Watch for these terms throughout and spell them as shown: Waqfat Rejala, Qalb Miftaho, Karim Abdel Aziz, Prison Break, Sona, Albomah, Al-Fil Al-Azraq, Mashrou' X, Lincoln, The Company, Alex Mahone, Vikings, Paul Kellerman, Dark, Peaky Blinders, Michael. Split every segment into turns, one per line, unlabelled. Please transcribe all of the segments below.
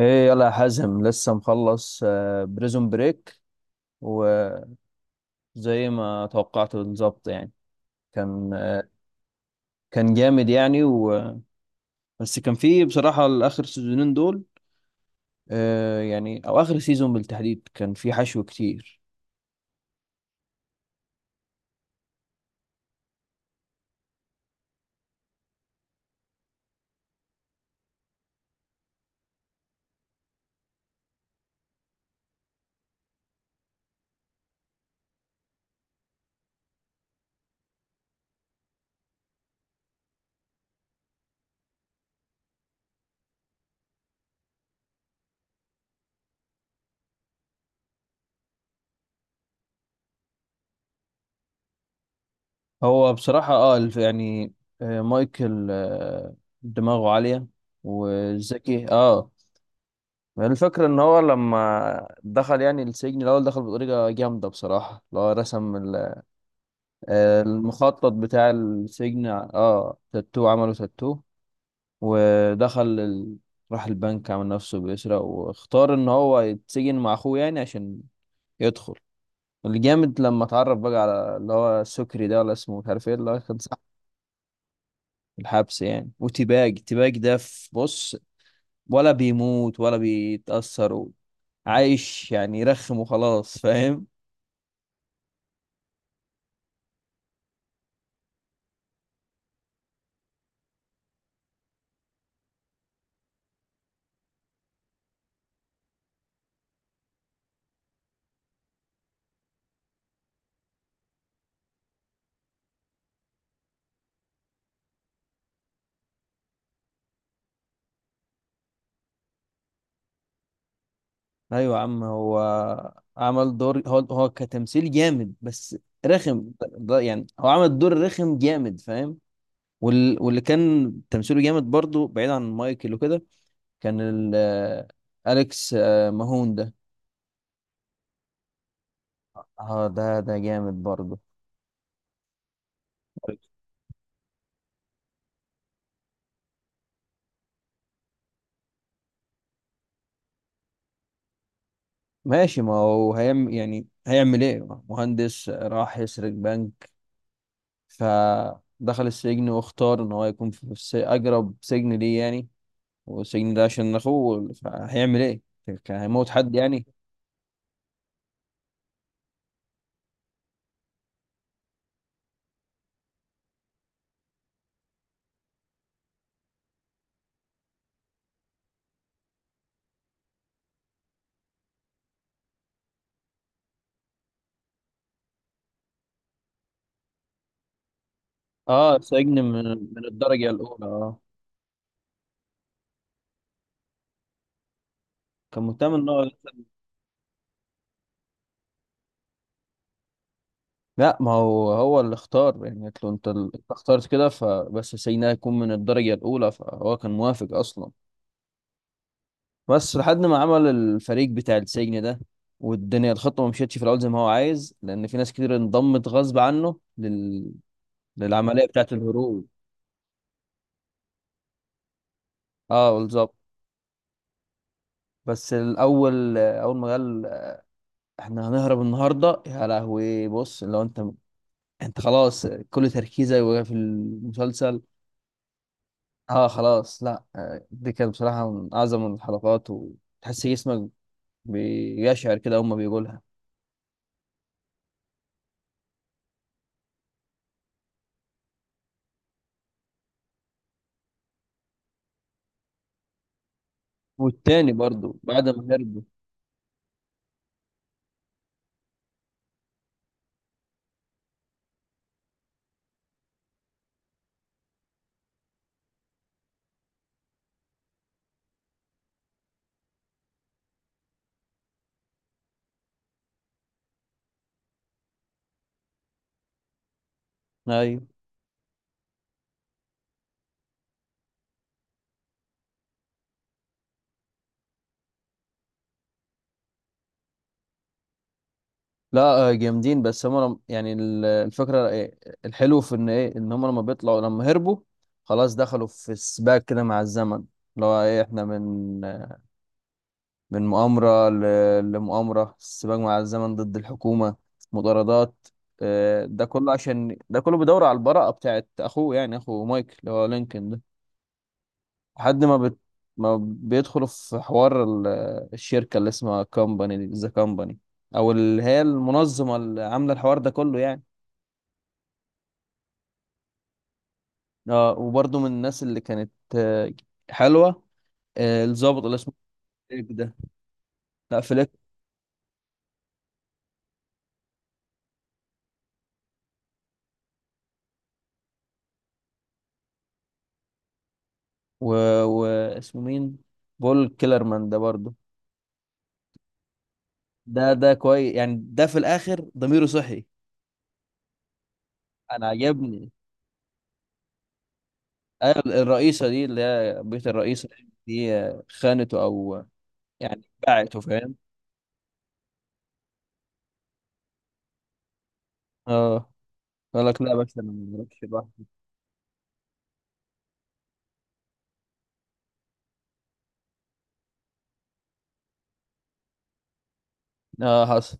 ايه، يلا يا حازم لسه مخلص بريزون بريك. وزي ما توقعت بالظبط يعني. كان آه، كان جامد يعني. بس كان فيه بصراحة الآخر سيزونين دول. يعني أو آخر سيزون بالتحديد كان فيه حشو كتير. هو بصراحة مايكل، دماغه عالية وذكي اه الفكرة ان هو لما دخل يعني السجن الاول دخل بطريقة جامدة بصراحة، اللي هو رسم المخطط بتاع السجن، اه تاتو، عمله تاتو. ودخل ال... راح البنك، عمل نفسه بيسرق واختار ان هو يتسجن مع اخوه يعني عشان يدخل. الجامد لما اتعرف بقى على اللي هو السكري ده، ولا اسمه مش عارف ايه، اللي هو كان صاحب الحبس يعني. وتباج ده، في بص، ولا بيموت ولا بيتأثر، عايش يعني يرخم وخلاص، فاهم. ايوه يا عم، هو عمل دور، هو كتمثيل جامد، بس رخم ده. يعني هو عمل دور رخم جامد، فاهم. واللي كان تمثيله جامد برضو بعيد عن مايكل وكده، كان ال... آه، اليكس ماهون ده. اه، ده جامد برضو. ماشي، ما هو هيعمل يعني هيعمل ايه؟ مهندس راح يسرق بنك فدخل السجن، واختار ان هو يكون في اقرب سجن ليه يعني. والسجن ده عشان اخوه، هيعمل ايه؟ كان هيموت حد يعني. اه، سجن من الدرجة الأولى، اه. كان مهتم ان هو، لا ما هو هو اللي اختار يعني، قلت له انت اللي اخترت كده، فبس السجن ده هيكون من الدرجة الأولى، فهو كان موافق أصلا. بس لحد ما عمل الفريق بتاع السجن ده والدنيا، الخطة ما مشيتش في الأول زي ما هو عايز، لأن في ناس كتير انضمت غصب عنه للعملية بتاعة الهروب. اه، بالظبط. بس الأول، أول ما قال احنا هنهرب النهارده، يا لهوي، بص لو انت انت خلاص كل تركيزك بقى في المسلسل. اه خلاص، لا، دي كانت بصراحه من اعظم الحلقات، وتحس جسمك بيشعر كده، هما بيقولها. والتاني برضو بعد ما هربوا. ايوه، لا، جامدين. بس هما الفكره إيه؟ الحلو في ان ايه، ان هما لما بيطلعوا، لما هربوا، خلاص دخلوا في سباق كده مع الزمن. اللي هو ايه، احنا من مؤامرة لمؤامرة، السباق مع الزمن ضد الحكومة، مطاردات، ده كله عشان، ده كله بيدور على البراءة بتاعت أخوه، يعني أخو مايكل اللي هو لينكولن ده. لحد ما ما بيدخلوا في حوار الشركة اللي اسمها كومباني، دي ذا كومباني، أو اللي هي المنظمة اللي عاملة الحوار ده كله يعني. اه، وبرضه من الناس اللي كانت حلوة، الضابط اللي اسمه فليك ده. لا فليك و... واسمه مين، بول كيلرمان ده برضه. ده ده كويس يعني، ده في الاخر ضميره صحي. انا عجبني. أيوة، الرئيسه دي اللي هي بيت الرئيسه دي، خانته او يعني باعته، فاهم. اه، قال لك لا يا باشا انا ما بروحش لوحدي. اه حصل.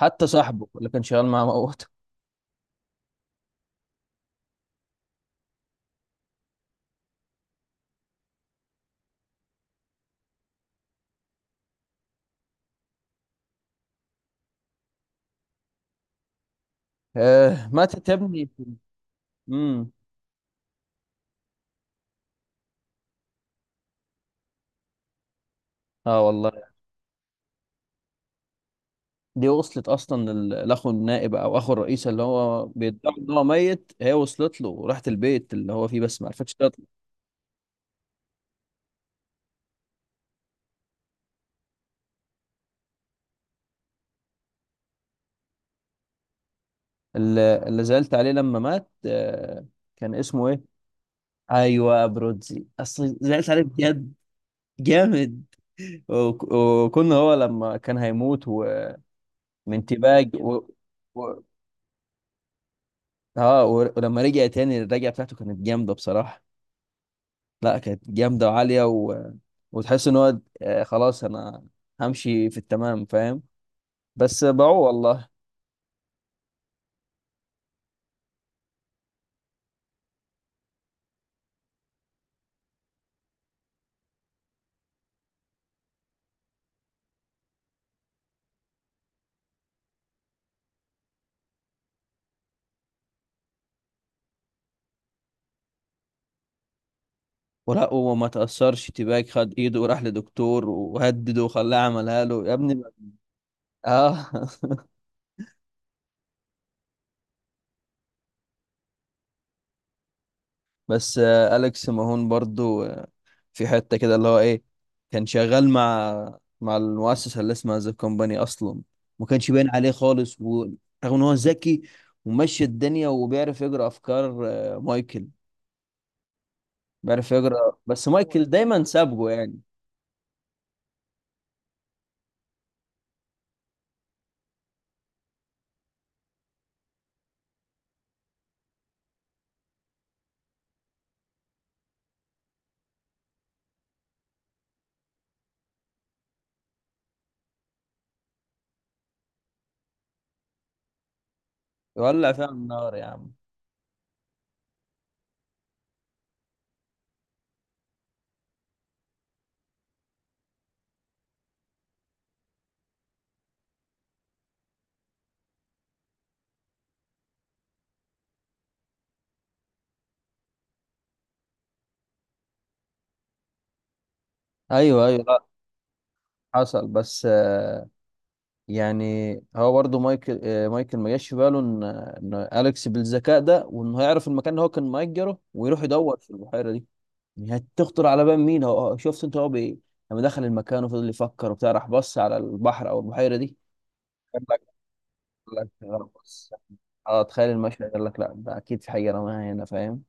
حتى صاحبه اللي كان شغال معاه موته. آه، ماتت يا ابني. امم. اه والله. دي وصلت اصلا لاخو النائب او اخو الرئيس اللي هو بيدعي ان هو ميت، هي وصلت له وراحت البيت اللي هو فيه، بس ما عرفتش تطلع. اللي زعلت عليه لما مات، كان اسمه ايه؟ ايوه، برودزي، اصل زعلت عليه بجد، جامد. وكنا هو لما كان هيموت، ومن تباج و... ولما رجع تاني، الرجعه بتاعته كانت جامده بصراحه. لا كانت جامده وعاليه، و... وتحس ان هو، خلاص انا همشي في التمام، فاهم. بس باعوه والله. ولا، وما تأثرش تباج، خد ايده وراح لدكتور وهدده وخلاه عملها له يا ابني. اه بس أليكس ماهون برضو، في حتة كده اللي هو ايه، كان شغال مع المؤسسة اللي اسمها ذا كومباني اصلا، ما كانش باين عليه خالص. ورغم ان هو ذكي ومشي الدنيا وبيعرف يقرا افكار مايكل، بيعرف يقرا، بس مايكل دايما سابقه يعني. يولع فيها النار يا عم. ايوه ايوه، لا حصل. بس يعني هو برضه مايكل، مايكل ما جاش في باله ان اليكس بالذكاء ده، وانه هيعرف المكان اللي هو كان مأجره ويروح يدور في البحيرة دي. هتخطر على بال مين؟ هو شفت انت هو بايه؟ لما دخل المكان وفضل يفكر وبتاع، راح بص على البحر او البحيره دي. قال لك، غير بص، اه تخيل المشهد، قال لك لا ده اكيد في حاجه رماها هنا، فاهم.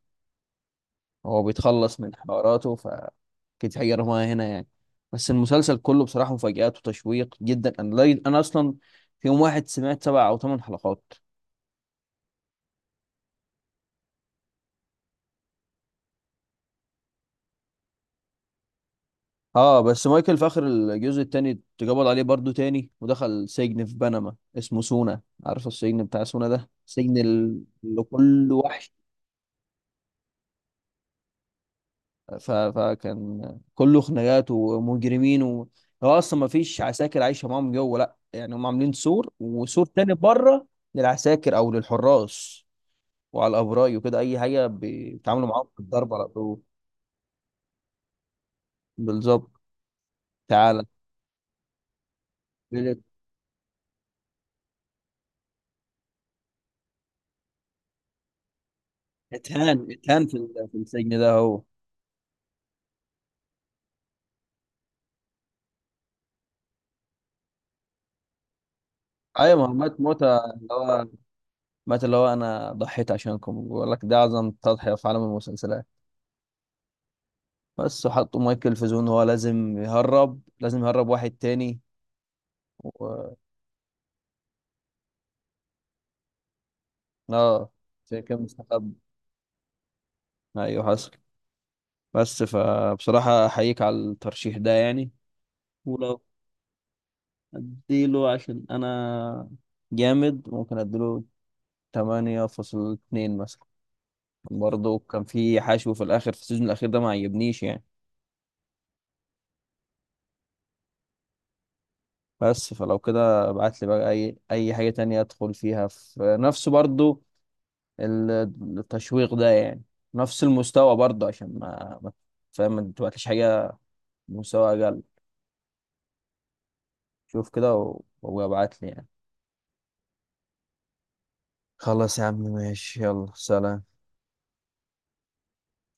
هو بيتخلص من حواراته، فاكيد في حاجه رماها هنا يعني. بس المسلسل كله بصراحه مفاجآت وتشويق جدا. انا لا- انا اصلا في يوم واحد سمعت سبع او ثمان حلقات. اه، بس مايكل في اخر الجزء التاني اتقبض عليه برضو تاني، ودخل سجن في بنما اسمه سونا. عارف السجن بتاع سونا ده، سجن اللي كله وحش. فكان كله خناقات ومجرمين. و... هو اصلا ما فيش عساكر عايشه معاهم جوه لا، يعني هم عاملين سور وسور تاني بره للعساكر او للحراس، وعلى الابراج وكده. اي حاجه بيتعاملوا معاهم بالضرب على طول. بالظبط، تعالى. اتهان، اتهان في في السجن ده هو. ايوه، ما هو مات موتة، اللي هو مات اللي هو انا ضحيت عشانكم، بيقول لك ده اعظم تضحية في عالم المسلسلات. بس، وحطوا مايكل في زون، هو لازم يهرب، لازم يهرب واحد تاني و اه عشان كان مستخبي، ايوه حصل. بس، فبصراحة احييك على الترشيح ده يعني. ولو اديله، عشان انا جامد، ممكن اديله 8.2 مثلا. برضه كان في حشو في الاخر، في السيزون الاخير ده ما عجبنيش يعني. بس، فلو كده ابعت لي بقى اي اي حاجة تانية ادخل فيها في نفس برضو ال- التشويق ده يعني، نفس المستوى برضو. عشان فاهم، ما تبعتليش حاجة مستوى اقل. شوف كده وابعت لي يعني. خلاص يا عم، ماشي، يلا، سلام.